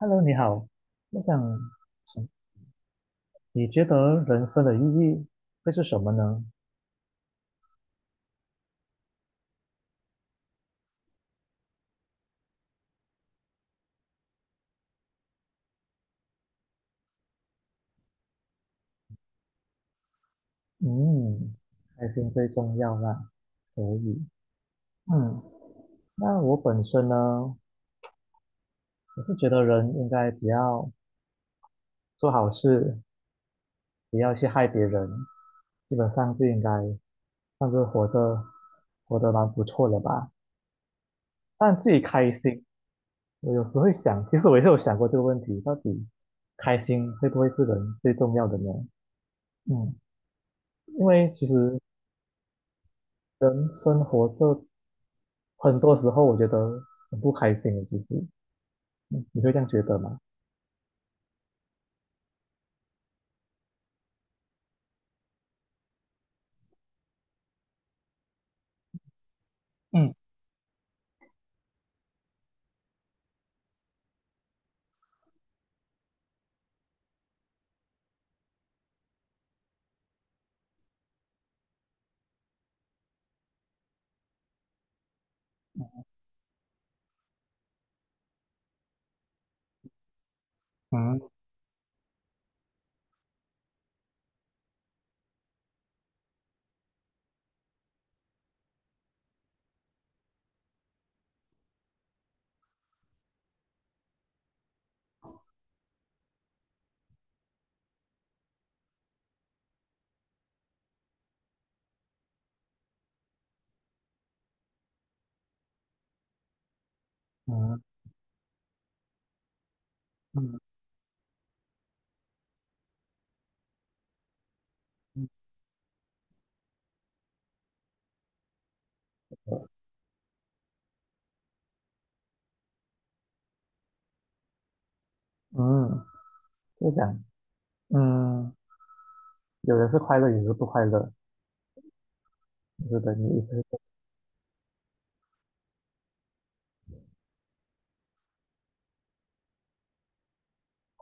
Hello，你好，我想请，你觉得人生的意义会是什么呢？嗯，开心最重要啦，可以。嗯，那我本身呢，我是觉得人应该只要做好事，不要去害别人，基本上就应该算是活得蛮不错了吧。但自己开心，我有时会想，其实我也是有想过这个问题，到底开心会不会是人最重要的呢？嗯，因为其实生活这很多时候我觉得很不开心的，其实你会这样觉得吗？嗯嗯嗯嗯嗯嗯，就讲，嗯，有的是快乐，有的是不快乐，我觉得你一直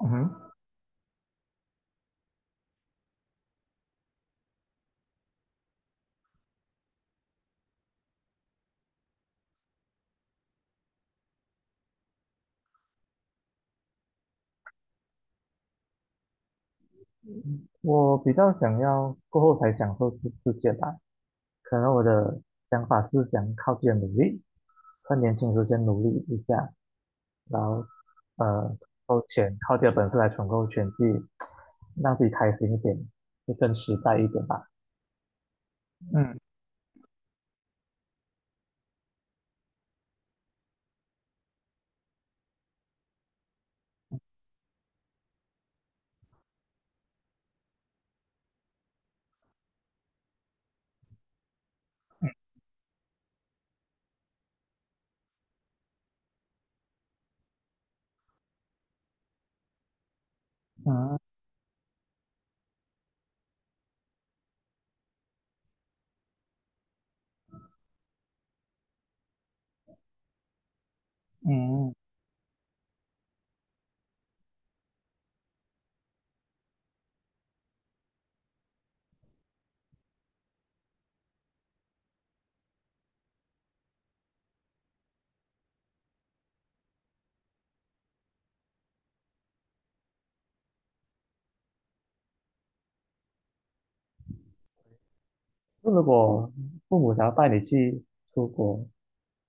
嗯哼我比较想要过后才享受世界吧，可能我的想法是想靠自己的努力，在年轻时候先努力一下，然后呃，够钱，靠自己的本事来存够钱，去让自己开心一点，就更实在一点吧。嗯嗯嗯就如果父母想要带你去出国，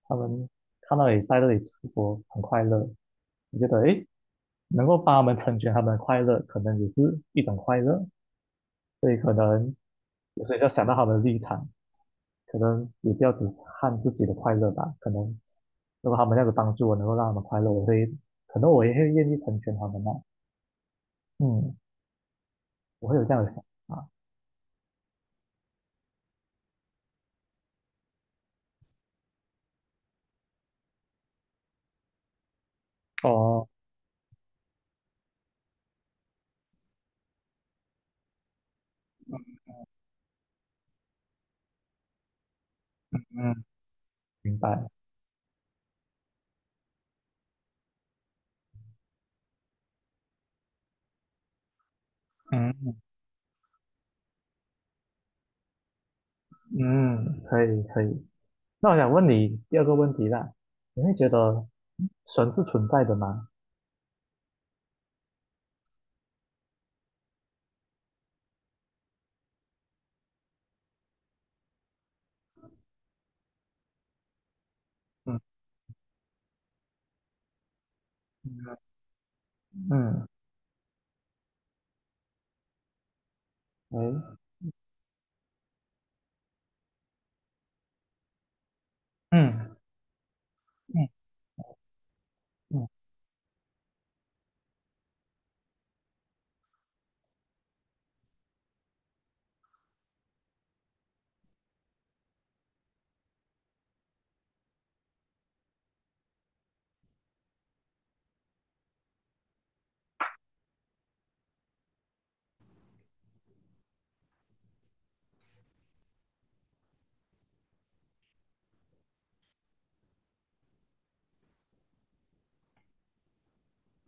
他们看到你在这里出国很快乐，你觉得诶，能够帮他们成全他们的快乐，可能也是一种快乐，所以可能有时候要想到他们的立场，可能也不要只看自己的快乐吧。可能如果他们那有帮助我，能够让他们快乐，我会，可能我也会愿意成全他们的。啊嗯，我会有这样的想法。哦，嗯，明白。嗯嗯，可以可以。那我想问你第二个问题啦，你会觉得神是存在的吗？嗯嗯，嗯嗯嗯嗯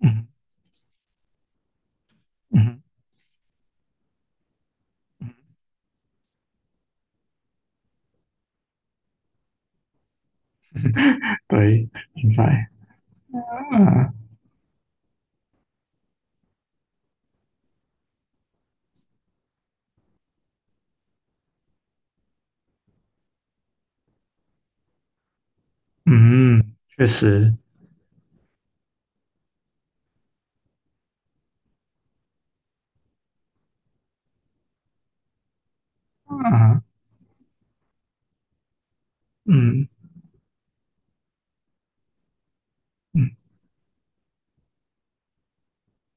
嗯嗯，嗯对，存在啊，嗯，确实啊，嗯嗯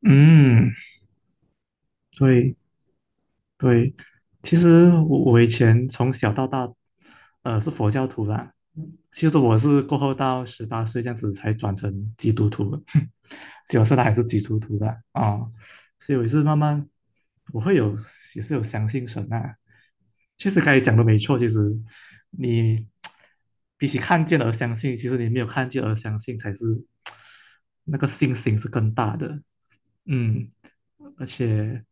嗯，对对，其实我以前从小到大，是佛教徒啦。其实我是过后到18岁这样子才转成基督徒的，所以我现在还是基督徒的啊、所以我也是慢慢，我会有也是有相信神啊。确实，刚才讲的没错，其实你比起看见而相信，其实你没有看见而相信才是那个信心是更大的。嗯，而且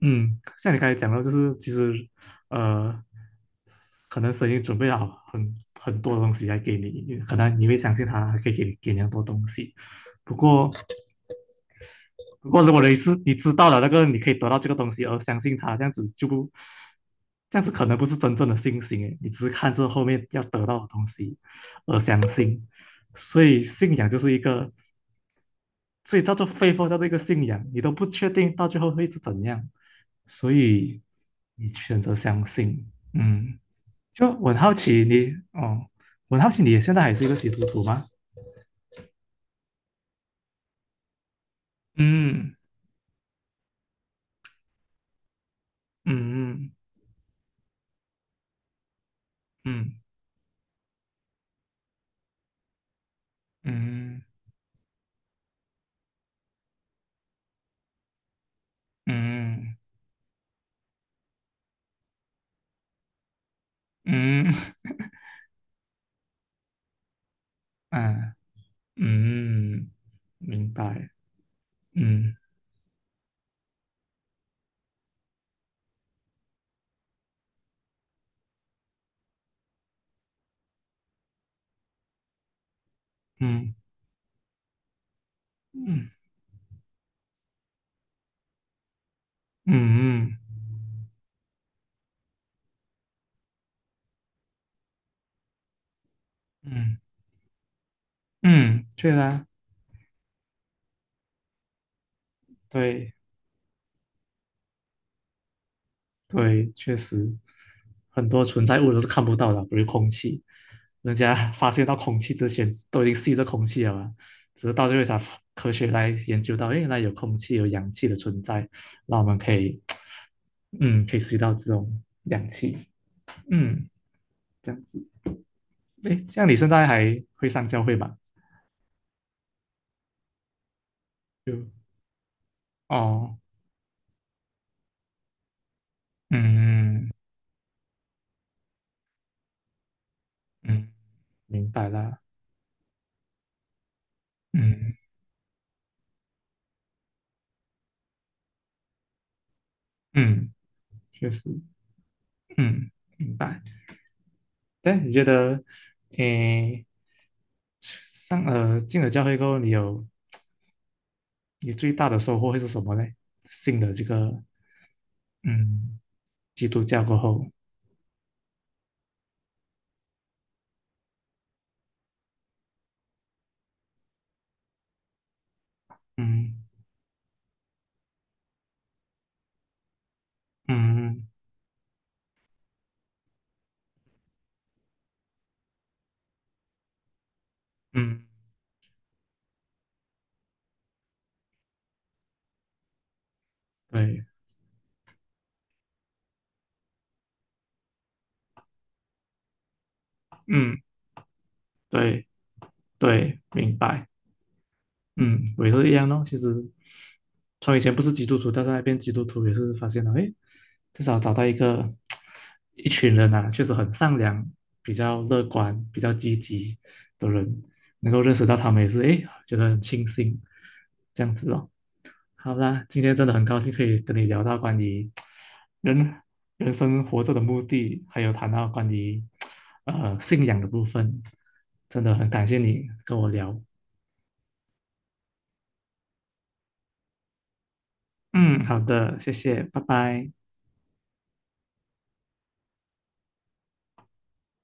嗯，像你刚才讲到，就是其实，呃，可能神已经准备好很多东西来给你，可能你会相信他还可以给你很多东西。不过，如果你是你知道了那个你可以得到这个东西而相信他，这样子可能不是真正的信心诶，你只是看这后面要得到的东西而相信。所以，信仰就是一个所以叫做非佛教的一个信仰，你都不确定到最后会是怎样，所以你选择相信。嗯，我很好奇你哦，我很好奇你现在还是一个基督徒吗？嗯嗯嗯嗯嗯嗯嗯啊嗯，明白。嗯嗯嗯嗯嗯嗯，嗯，对啊，对对，确实，很多存在物都是看不到的，比如空气，人家发现到空气之前都已经吸着空气了嘛，只是到最后才科学来研究到，原来有空气、有氧气的存在，那我们可以，嗯，可以吸到这种氧气，嗯，这样子。诶，像你现在还会上教会吧？就哦，嗯嗯，嗯明白啦，嗯嗯，确实，嗯，明白。但你觉得，诶，进了教会过后，你最大的收获会是什么呢？信了这个嗯基督教过后，嗯嗯嗯，对，嗯对对，明白，嗯，我也是一样咯。其实从以前不是基督徒，到现在变基督徒，也是发现了，诶，至少找到一个 一群人啊，确实很善良、比较乐观、比较积极的人，能够认识到他们也是，诶，觉得很庆幸，这样子咯。好啦，今天真的很高兴可以跟你聊到关于人人生活着的目的，还有谈到关于信仰的部分，真的很感谢你跟我聊。嗯，好的，谢谢，拜拜。